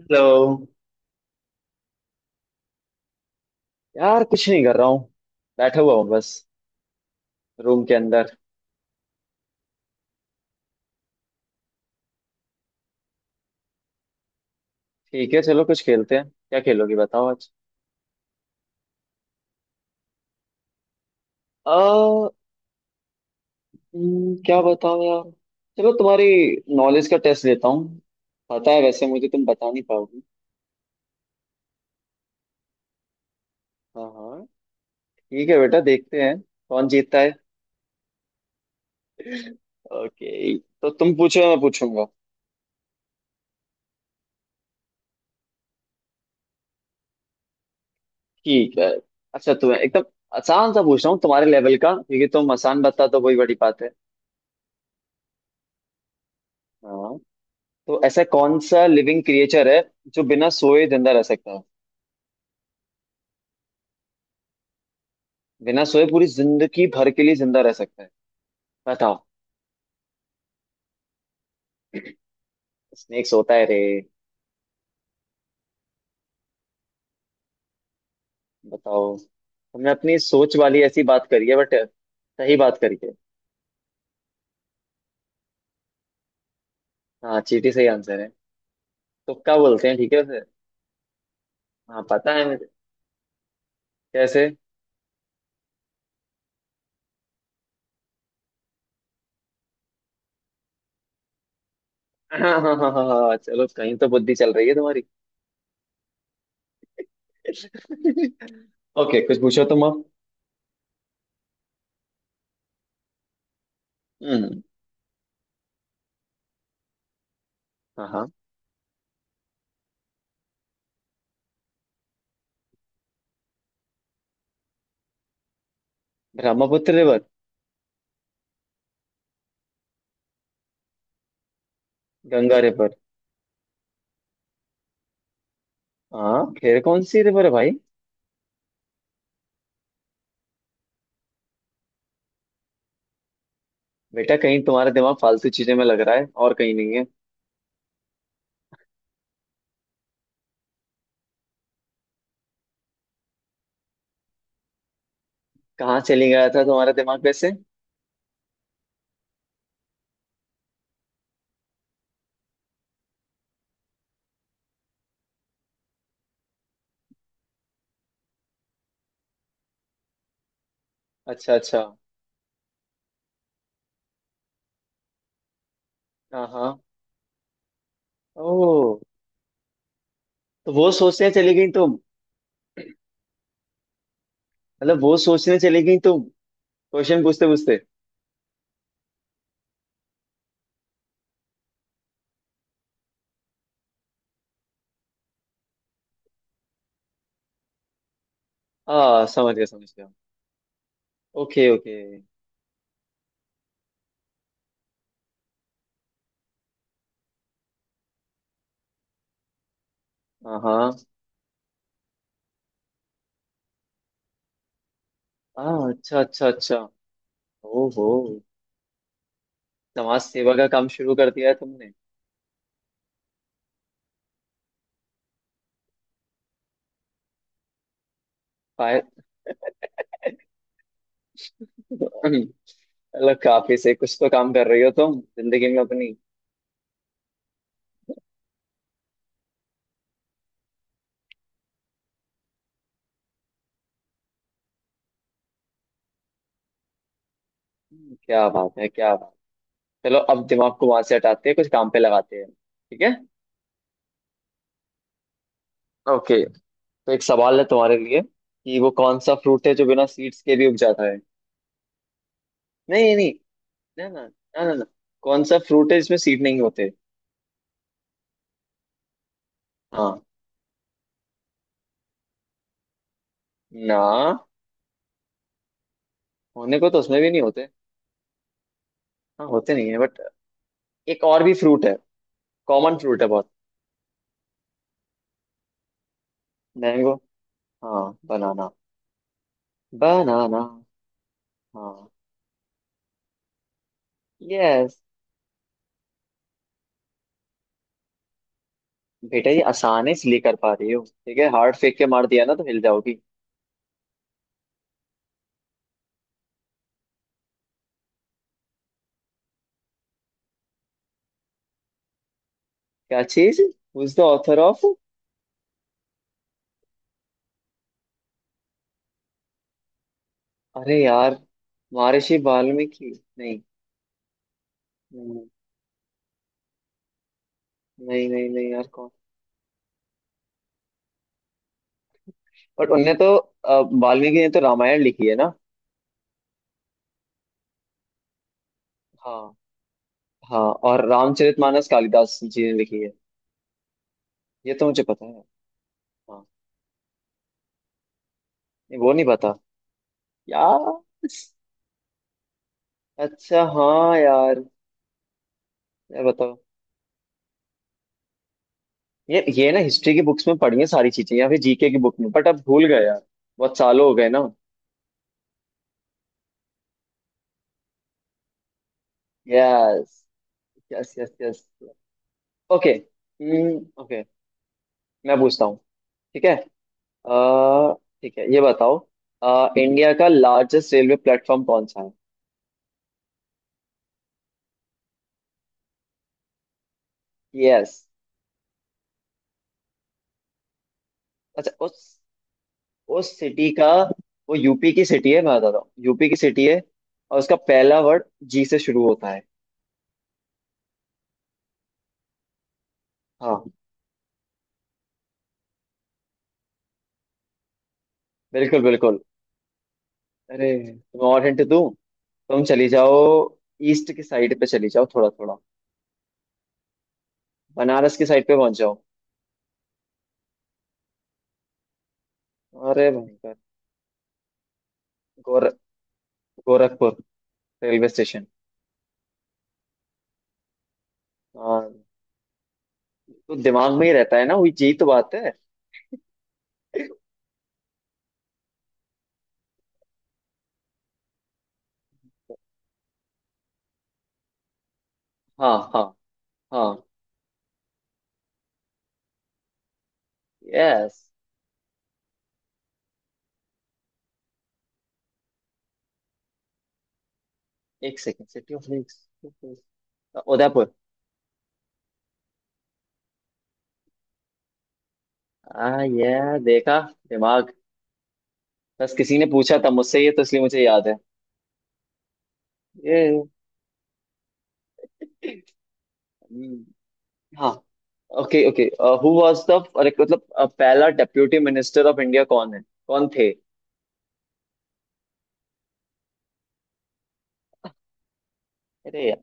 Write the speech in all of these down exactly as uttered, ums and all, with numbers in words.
Hello. यार कुछ नहीं कर रहा हूँ। बैठा हुआ हूँ बस। रूम के अंदर। ठीक है चलो कुछ खेलते हैं। क्या खेलोगी बताओ आज? आ, हम्म, क्या बताओ यार। चलो तुम्हारी नॉलेज का टेस्ट लेता हूँ। पता है वैसे मुझे तुम बता नहीं पाओगी। हाँ हाँ, ठीक है बेटा देखते हैं कौन जीतता है। ओके तो तुम पूछो या मैं पूछूंगा? ठीक है। अच्छा तुम्हें एकदम आसान सा पूछ रहा हूँ तुम्हारे लेवल का, क्योंकि तुम आसान बता तो वही बड़ी बात है। हाँ। तो ऐसा कौन सा लिविंग क्रिएचर है जो बिना सोए जिंदा रह सकता है? बिना सोए पूरी जिंदगी भर के लिए जिंदा रह सकता है, बताओ। स्नेक्स होता है रे? बताओ, हमने अपनी सोच वाली ऐसी बात करी है बट सही बात करी है। हाँ चींटी सही आंसर है। तुक्का बोलते हैं ठीक है उसे। हाँ पता है मुझे। कैसे? हाँ हाँ हाँ हाँ हाँ, चलो कहीं तो बुद्धि चल रही है तुम्हारी। ओके कुछ पूछो तुम अब। हम्म। हाँ हाँ। ब्रह्मपुत्र रिवर। गंगा रिवर। हाँ फिर कौन सी रिवर है भाई? बेटा कहीं तुम्हारा दिमाग फालतू चीजों में लग रहा है और कहीं नहीं है। कहाँ चली गया था तुम्हारा दिमाग वैसे? अच्छा अच्छा। हाँ हाँ। ओ। तो वो सोचने चली गई तुम? मतलब वो सोचने चली गई तुम क्वेश्चन पूछते पूछते? हाँ समझ गया समझ गया। Okay okay. हाँ हाँ हाँ। अच्छा अच्छा अच्छा। ओहो। समाज सेवा का काम शुरू कर दिया है तुमने। फाय- मतलब काफी से कुछ तो काम कर रही हो तुम जिंदगी में अपनी। क्या बात है क्या। चलो अब दिमाग को वहां से हटाते हैं, कुछ काम पे लगाते हैं ठीक है। ओके। तो एक सवाल है तुम्हारे लिए कि वो कौन सा फ्रूट है जो बिना सीड्स के भी उग जाता है? नहीं नहीं। नहीं ना ना। ना ना ना। कौन सा फ्रूट है जिसमें सीड नहीं होते? हाँ। ना। होने को तो उसमें भी नहीं होते। हाँ होते नहीं है बट एक और भी फ्रूट है। कॉमन फ्रूट है बहुत। मैंगो। हाँ बनाना। बनाना। हाँ। यस। बेटा ये आसान है इसलिए कर पा रही हो। ठीक है हार्ड फेंक के मार दिया ना तो हिल जाओगी। क्या चीज? Who is the author of? अरे यार। महर्षि वाल्मीकि। नहीं। हम्म, नहीं नहीं नहीं यार कौन? बट उनने तो अ, वाल्मीकि ने तो रामायण लिखी है ना? हाँ। हाँ। और रामचरितमानस कालिदास जी ने लिखी है। ये तो मुझे पता है। हाँ। नहीं, वो नहीं पता यार। अच्छा हाँ यार। यार बताओ। ये ये ना हिस्ट्री की बुक्स में पढ़ी है सारी चीजें या फिर जीके की बुक में, बट अब भूल गए यार। बहुत सालों हो गए ना। Yes yes yes yes. Okay okay मैं पूछता हूँ ठीक है। अ, ठीक है ये बताओ। अ, इंडिया का लार्जेस्ट रेलवे प्लेटफॉर्म कौन सा है? यस। अच्छा उस उस सिटी का। वो यूपी की सिटी है, मैं बता रहा हूँ यूपी की सिटी है। और उसका पहला वर्ड जी से शुरू होता है। हाँ। बिल्कुल बिल्कुल। अरे तुम्हें और हिंट दूँ? तुम चली जाओ। ईस्ट की साइड पे चली जाओ थोड़ा थोड़ा, बनारस की साइड पे पहुंच जाओ। अरे भयंकर। गोर गोरखपुर रेलवे स्टेशन। हाँ तो दिमाग में ही रहता है ना, वही जी तो बात है। हाँ हाँ हाँ। यस। एक second, city of lakes. Udaipur. आ ये देखा दिमाग। बस किसी ने पूछा था मुझसे ये, तो इसलिए मुझे याद है ये। हम्म, हाँ okay okay. Who was the, अरे मतलब अ, पहला डेप्यूटी मिनिस्टर ऑफ इंडिया कौन है? कौन थे? अरे यार।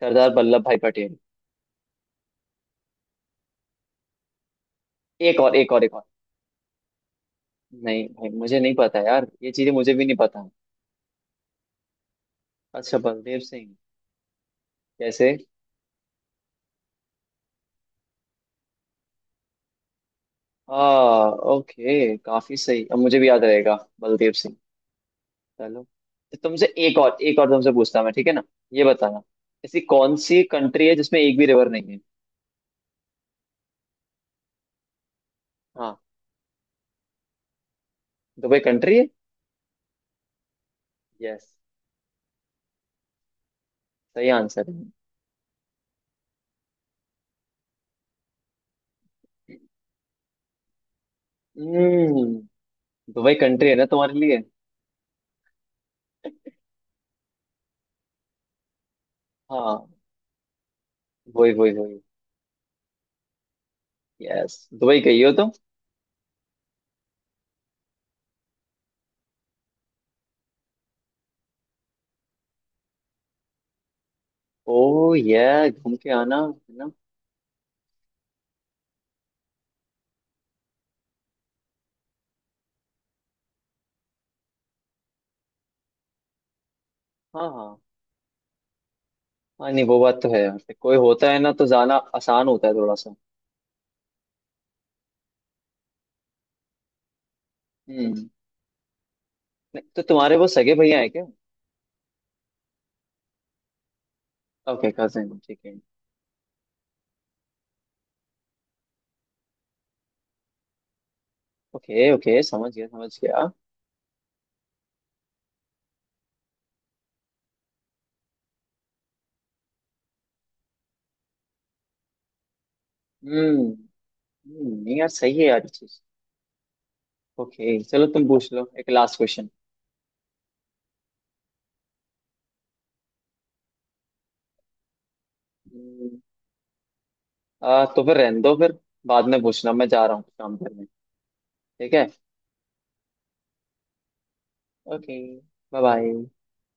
सरदार वल्लभ भाई पटेल। एक और एक और एक और। नहीं भाई मुझे नहीं पता यार, ये चीजें मुझे भी नहीं पता। अच्छा बलदेव सिंह। कैसे? हाँ। ओके काफी सही, अब मुझे भी याद रहेगा। बलदेव सिंह। चलो। तो तुमसे एक और एक और तुमसे पूछता हूं मैं, ठीक है ना? ये बताना, ऐसी कौन सी कंट्री है जिसमें एक भी रिवर नहीं है? हाँ। दुबई कंट्री है? यस सही आंसर है। हम्म दुबई कंट्री है ना तुम्हारे लिए। हाँ। वही वही वही। यस दुबई गई हो तुम? ओ ये घूम के आना है ना। हाँ हाँ। हाँ नहीं वो बात तो है यार, फिर कोई होता है ना तो जाना आसान होता है थोड़ा सा। हम्म। नहीं, तो तुम्हारे वो सगे भैया है क्या? ओके कजिन ठीक है। ओके ओके समझ गया समझ गया। हम्म नहीं यार सही है यार ये चीज। ओके चलो तुम पूछ लो एक लास्ट क्वेश्चन। आ, तो फिर रहने दो फिर। बाद में पूछना, मैं जा रहा हूँ काम करने। ठीक है। Okay bye bye.